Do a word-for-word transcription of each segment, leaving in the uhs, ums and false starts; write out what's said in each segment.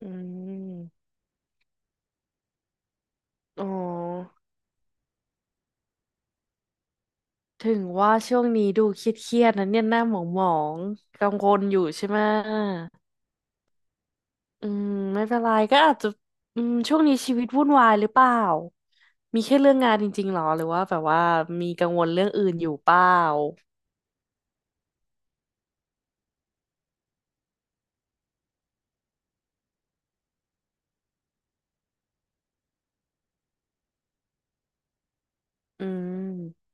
อืมอ๋อถึงว่าช่วงนี้ดูเครียดๆนะเนี่ยหน้าหมองหมองกังวลอยู่ใช่ไหมอืมไม่เป็นไรก็อาจจะอืมช่วงนี้ชีวิตวุ่นวายหรือเปล่า มีแค่เรื่องงานจริงๆหรอหรือว่าแบบว่ามีกังวลเรื่องอื่นอยู่เปล่าอืม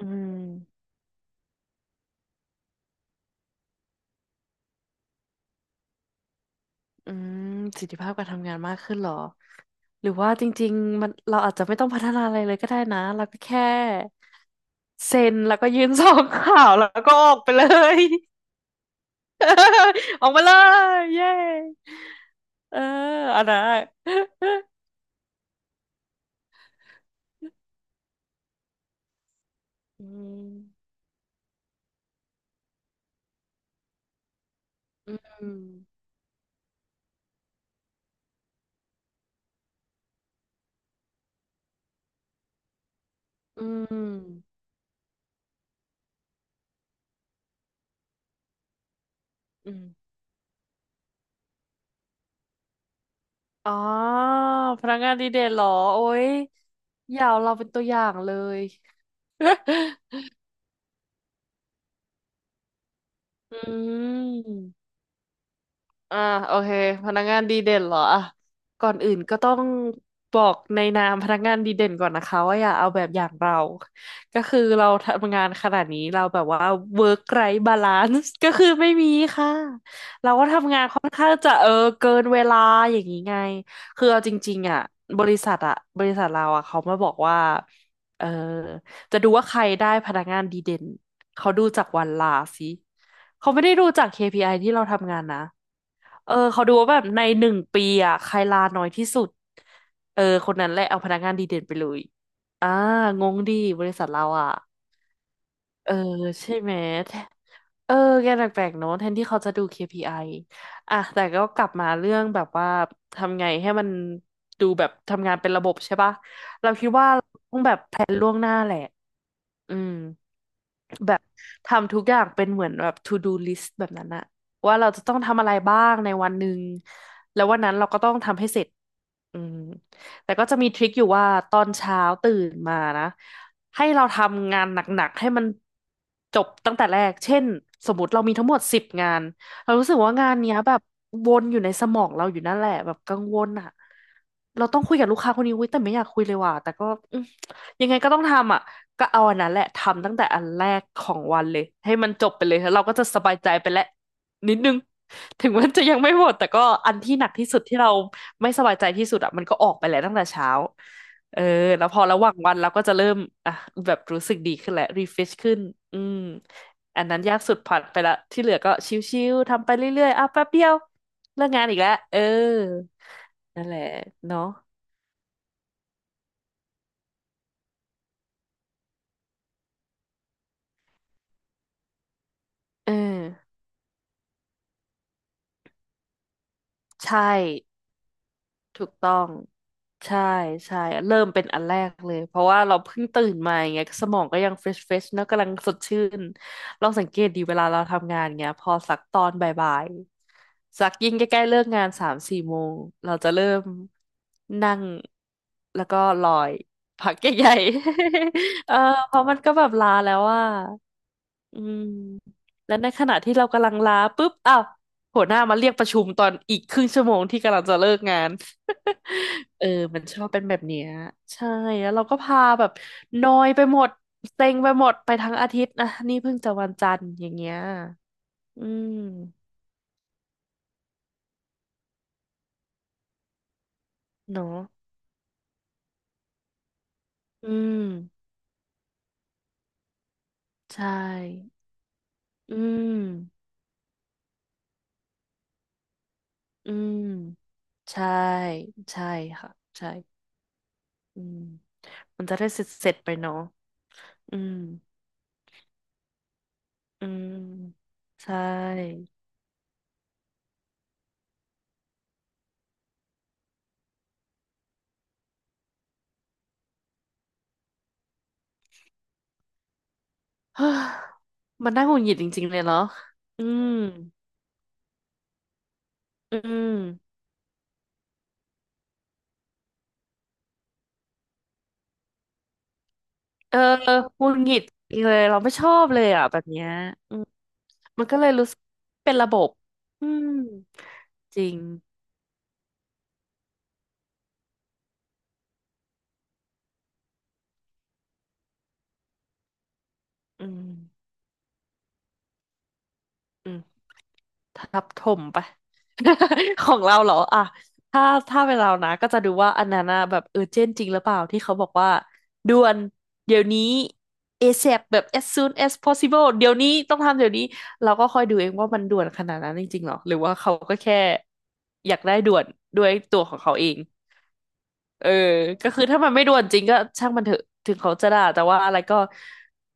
อืมอืมประสิทธิภาพการทำงานมากขึ้นเหรอ หรือว่าจริงๆมันเราอาจจะไม่ต้องพัฒนาอะไรเลยก็ได้นะเราก็แค่เซ็นแล้วก็ยื่น ซองข่าวแล้วก็ออกไปเลย ออกมาเลยเย้เอออันนั้น อะอืมอืมอืมอืมอ๋อพนักงานดีเด่นเหรอโอ้ยอย่าเอาเราเป็นตัวอย่างเลย อืม อ่าโอเคพนักงานดีเด่นเหรออ่ะก่อนอื่นก็ต้องบอกในนามพนักงานดีเด่นก่อนนะคะว่าอย่าเอาแบบอย่างเรา ก็คือเราทำงานขนาดนี้เราแบบว่า เวิร์ค ไลฟ์ บาลานซ์ ก็คือไม่มีค่ะเราก็ทำงานค่อนข้างจะเออเกินเวลาอย่างนี้ไงคือเอาจริงๆอ่ะบริษัทอ่ะบริษัทเราอ่ะเขามาบอกว่าเออจะดูว่าใครได้พนักงานดีเด่นเขาดูจากวันลาสิ เขาไม่ได้ดูจาก เค พี ไอ ที่เราทำงานนะเออเขาดูว่าแบบในหนึ่งปีอ่ะใครลาน้อยที่สุดเออคนนั้นแหละเอาพนักงานดีเด่นไปเลยอ่างงดีบริษัทเราอ่ะเออใช่ไหมแทเออแกแปลกๆเนอะแทนที่เขาจะดู เค พี ไอ ออ่ะแต่ก็กลับมาเรื่องแบบว่าทำไงให้มันดูแบบทำงานเป็นระบบใช่ปะเราคิดว่าอืม แบบทำทุกอย่างเป็นเหมือนแบบ ทู ดู ลิสต์ แบบนั้นอะว่าเราจะต้องทำอะไรบ้างในวันหนึ่งแล้ววันนั้นเราก็ต้องทำให้เสร็จอืมแต่ก็จะมีทริคอยู่ว่าตอนเช้าตื่นมานะให้เราทำงานหนักๆให้มันจบตั้งแต่แรกเช่นสมมติเรามีทั้งหมดสิบงานเรารู้สึกว่างานเนี้ยแบบวนอยู่ในสมองเราอยู่นั่นแหละแบบกังวลอะเราต้องคุยกับลูกค้าคนนี้อุ้ยแต่ไม่อยากคุยเลยว่ะแต่ก็อืมยังไงก็ต้องทำอะ ก็เอาอันนั้นแหละทำตั้งแต่อันแรกของวันเลยให้มันจบไปเลยแล้วเราก็จะสบายใจไปแล้วนิดนึงถึงมันจะยังไม่หมดแต่ก็อันที่หนักที่สุดที่เราไม่สบายใจที่สุดอ่ะมันก็ออกไปแล้วตั้งแต่เช้าเออแล้วพอระหว่างวันเราก็จะเริ่มอ่ะแบบรู้สึกดีขึ้นแหละรีเฟชขึ้นอืมอันนั้นยากสุดผ่านไปละที่เหลือก็ชิวๆทำไปเรื่อยๆอ่ะแป๊บเดียวเลิกงานอีกแล้วเออนั่นแหละเนาะเออใช่ ถูกต้องใช่ใช่เริ่มเป็นอันแรกเลยเพราะว่าเราเพิ่งตื่นมาอย่างเงี้ยสมองก็ยังเฟรชเฟรชนอะกำลังสดชื่นเราสังเกตดีเวลาเราทำงานเงี้ยพอสักตอนบ่ายๆสักยิ่งใกล้ๆเลิกงานสามสี่โมงเราจะเริ่มนั่งแล้วก็ลอยพักใหญ่ๆ เออเพราะมันก็แบบลาแล้วว่าอืมและในขณะที่เรากำลังลาปุ๊บอ้าวหัวหน้ามาเรียกประชุมตอนอีกครึ่งชั่วโมงที่กำลังจะเลิกงาน เออมันชอบเป็นแบบเนี้ยใช่แล้วเราก็พาแบบนอยไปหมดเซ็งไปหมดไปทั้งอาทิตย์นะนี่เพิ่งจะวันจันทร์อย่างเงี้ย อืมเนาะอืมใช่อืมอืมใช่ ใช่ค่ะใช่ อืมมันจะได้เสร็จเสร็จไปเนาะอืมอืมใช่ มันน่าหงุดหงิดจริงๆเลยเนาะอืมอืม เออหงุดหงิดอเลยเราไม่ชอบเลยอ่ะแบบเนี้ยอืมมันก็เลยรู้สึกเป็นระบบอืมจริงอืมอืมทับถมไป ของเราเหรออ่ะถ้าถ้าเป็นเรานะก็จะดูว่าอันนั้นนะแบบเออเจนจริงหรือเปล่าที่เขาบอกว่าด่วนเดี๋ยวนี้ เอ เอส เอ พี แบบ as soon as possible เดี๋ยวนี้ต้องทำเดี๋ยวนี้เราก็คอยดูเองว่ามันด่วนขนาดนั้นจริงๆหรอหรือว่าเขาก็แค่อยากได้ด่วนด้วยตัวของเขาเอง เออก็คือถ้ามันไม่ด่วนจริงก็ช่างมันเถอะถึงเขาจะด่าแต่ว่าอะไรก็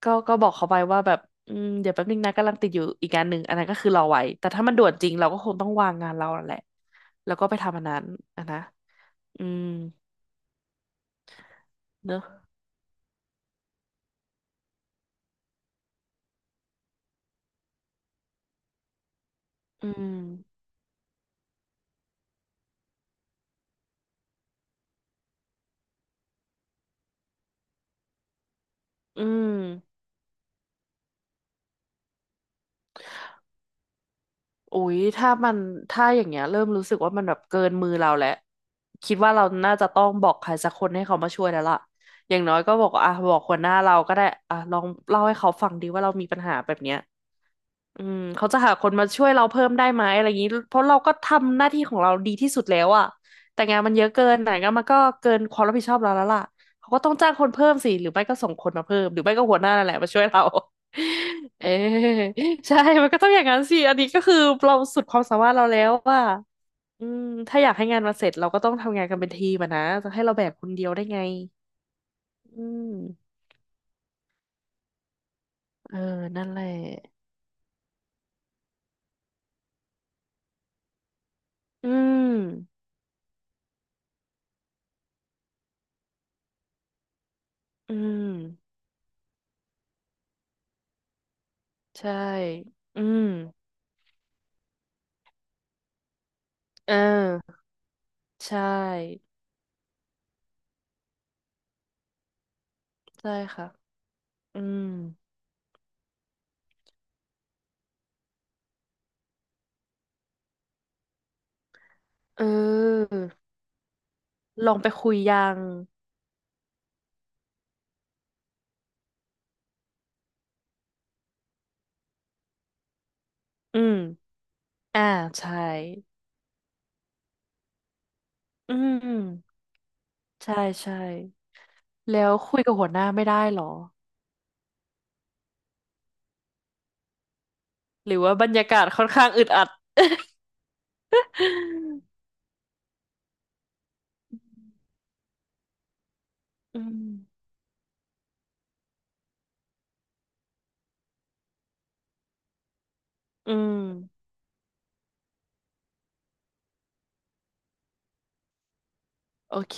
ก็ก็บอกเขาไปว่าแบบอืมเดี๋ยวแป๊บนึงนะกำลังติดอยู่อีกงานหนึ่งอันนั้นก็คือรอไว้แต่ถ้ามันด่วนจริงเราก็คงต้องวางงานเราแหละแล้วก็ไปทำอันนั้นอะนะอืมเนอะอืมอืมอุ๊ยถ้ามันถ้าอย่างเงี้ยเริ่มรู้สึกว่ามันแบบเกินมือเราแล้วคิดว่าเราน่าจะต้องบอกใครสักคนให้เขามาช่วยแล้วล่ะอย่างน้อยก็บอกว่าอ่ะบอกหัวหน้าเราก็ได้อ่ะลองเล่าให้เขาฟังดีว่าเรามีปัญหาแบบเนี้ย อืมเขาจะหาคนมาช่วยเราเพิ่มได้ไหมอะไรอย่างนี้เพราะเราก็ทำหน้าที่ของเราดีที่สุดแล้วอะแต่งานมันเยอะเกินไหนงานมันก็เกินความรับผิดชอบเราแล้วล่ะเขาก็ต้องจ้างคนเพิ่มสิหรือไม่ก็ส่งคนมาเพิ่มหรือไม่ก็หัวหน้านั่นแหละมาช่วยเรา เออใช่มันก็ต้องอย่างนั้นสิอันนี้ก็คือเราสุดความสามารถเราแล้วว่าอืมถ้าอยากให้งานมาเสร็จเราก็ต้องทำงานกันเป็นทีมอะนะจะให้เราแบกคนเดียวได้ไงอืมเออนั่นแหละอืมอืมใช่อืม เออใช่ใช่ค่ะอืมเออลองไปคุยยังอืมอ่าใช่อืมใช่ใช่แล้วคุยกับหัวหน้าไม่ได้เหรอหรือว่าบรรยากาศค่อนข้างอึดอัด อืมอืมโอเค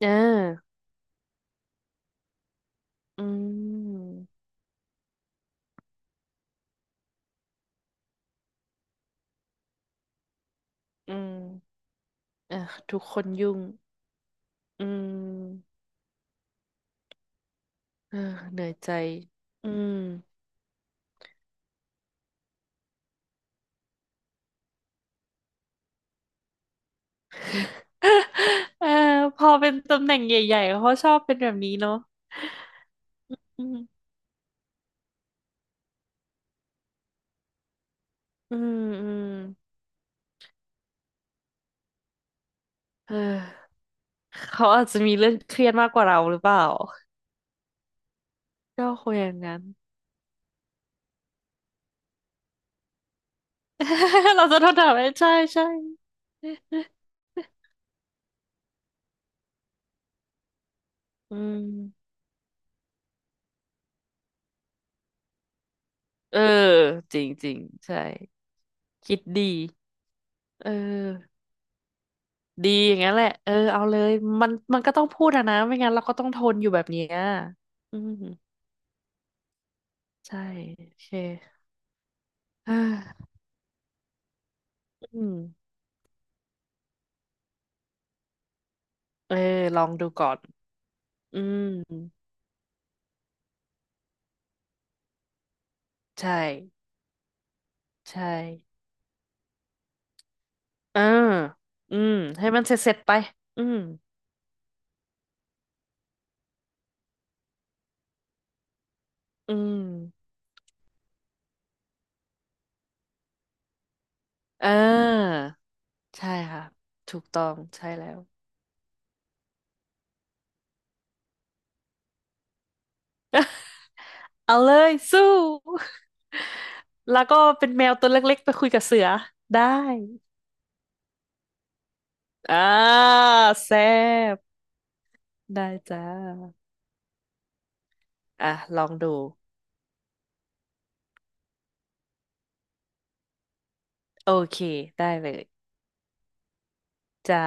เอออืมอืมอ่ะทุกคนยุ่งอืมเออเหนื่อยใจอืม เออพอเป็นตำแหน่งใหญ่ๆเขาชอบเป็นแบบนี้เนาะอืมอืมอืมเออเขาอาจจะมีเรื่องเครียดมากกว่าเราหรือเปล่าก็คงอย่างนั้น เราจะโทษถามไม่ใช่ใช่อืมเออจริงจริงใช่คิดดีเออดีอย่างนั้นแหละเออเอาเลยมันมันก็ต้องพูดอะนะไม่งั้นเราก็ต้องทนอยู่แบบเนี้ยอืมใช่โอเคอ่าอืมเออลองดูก่อน อืมใช่ใช่อ่าอืมให้มันเสร็จเสร็จไปอืมอืมเออใช่ค่ะถูกต้องใช่แล้วเอาเลยสู้ แล้วก็เป็นแมวตัวเล็กๆไปคุยกับเสือได้อ่าแซ่บได้จ้าอ่ะลองดูโอเคได้เลยจ้า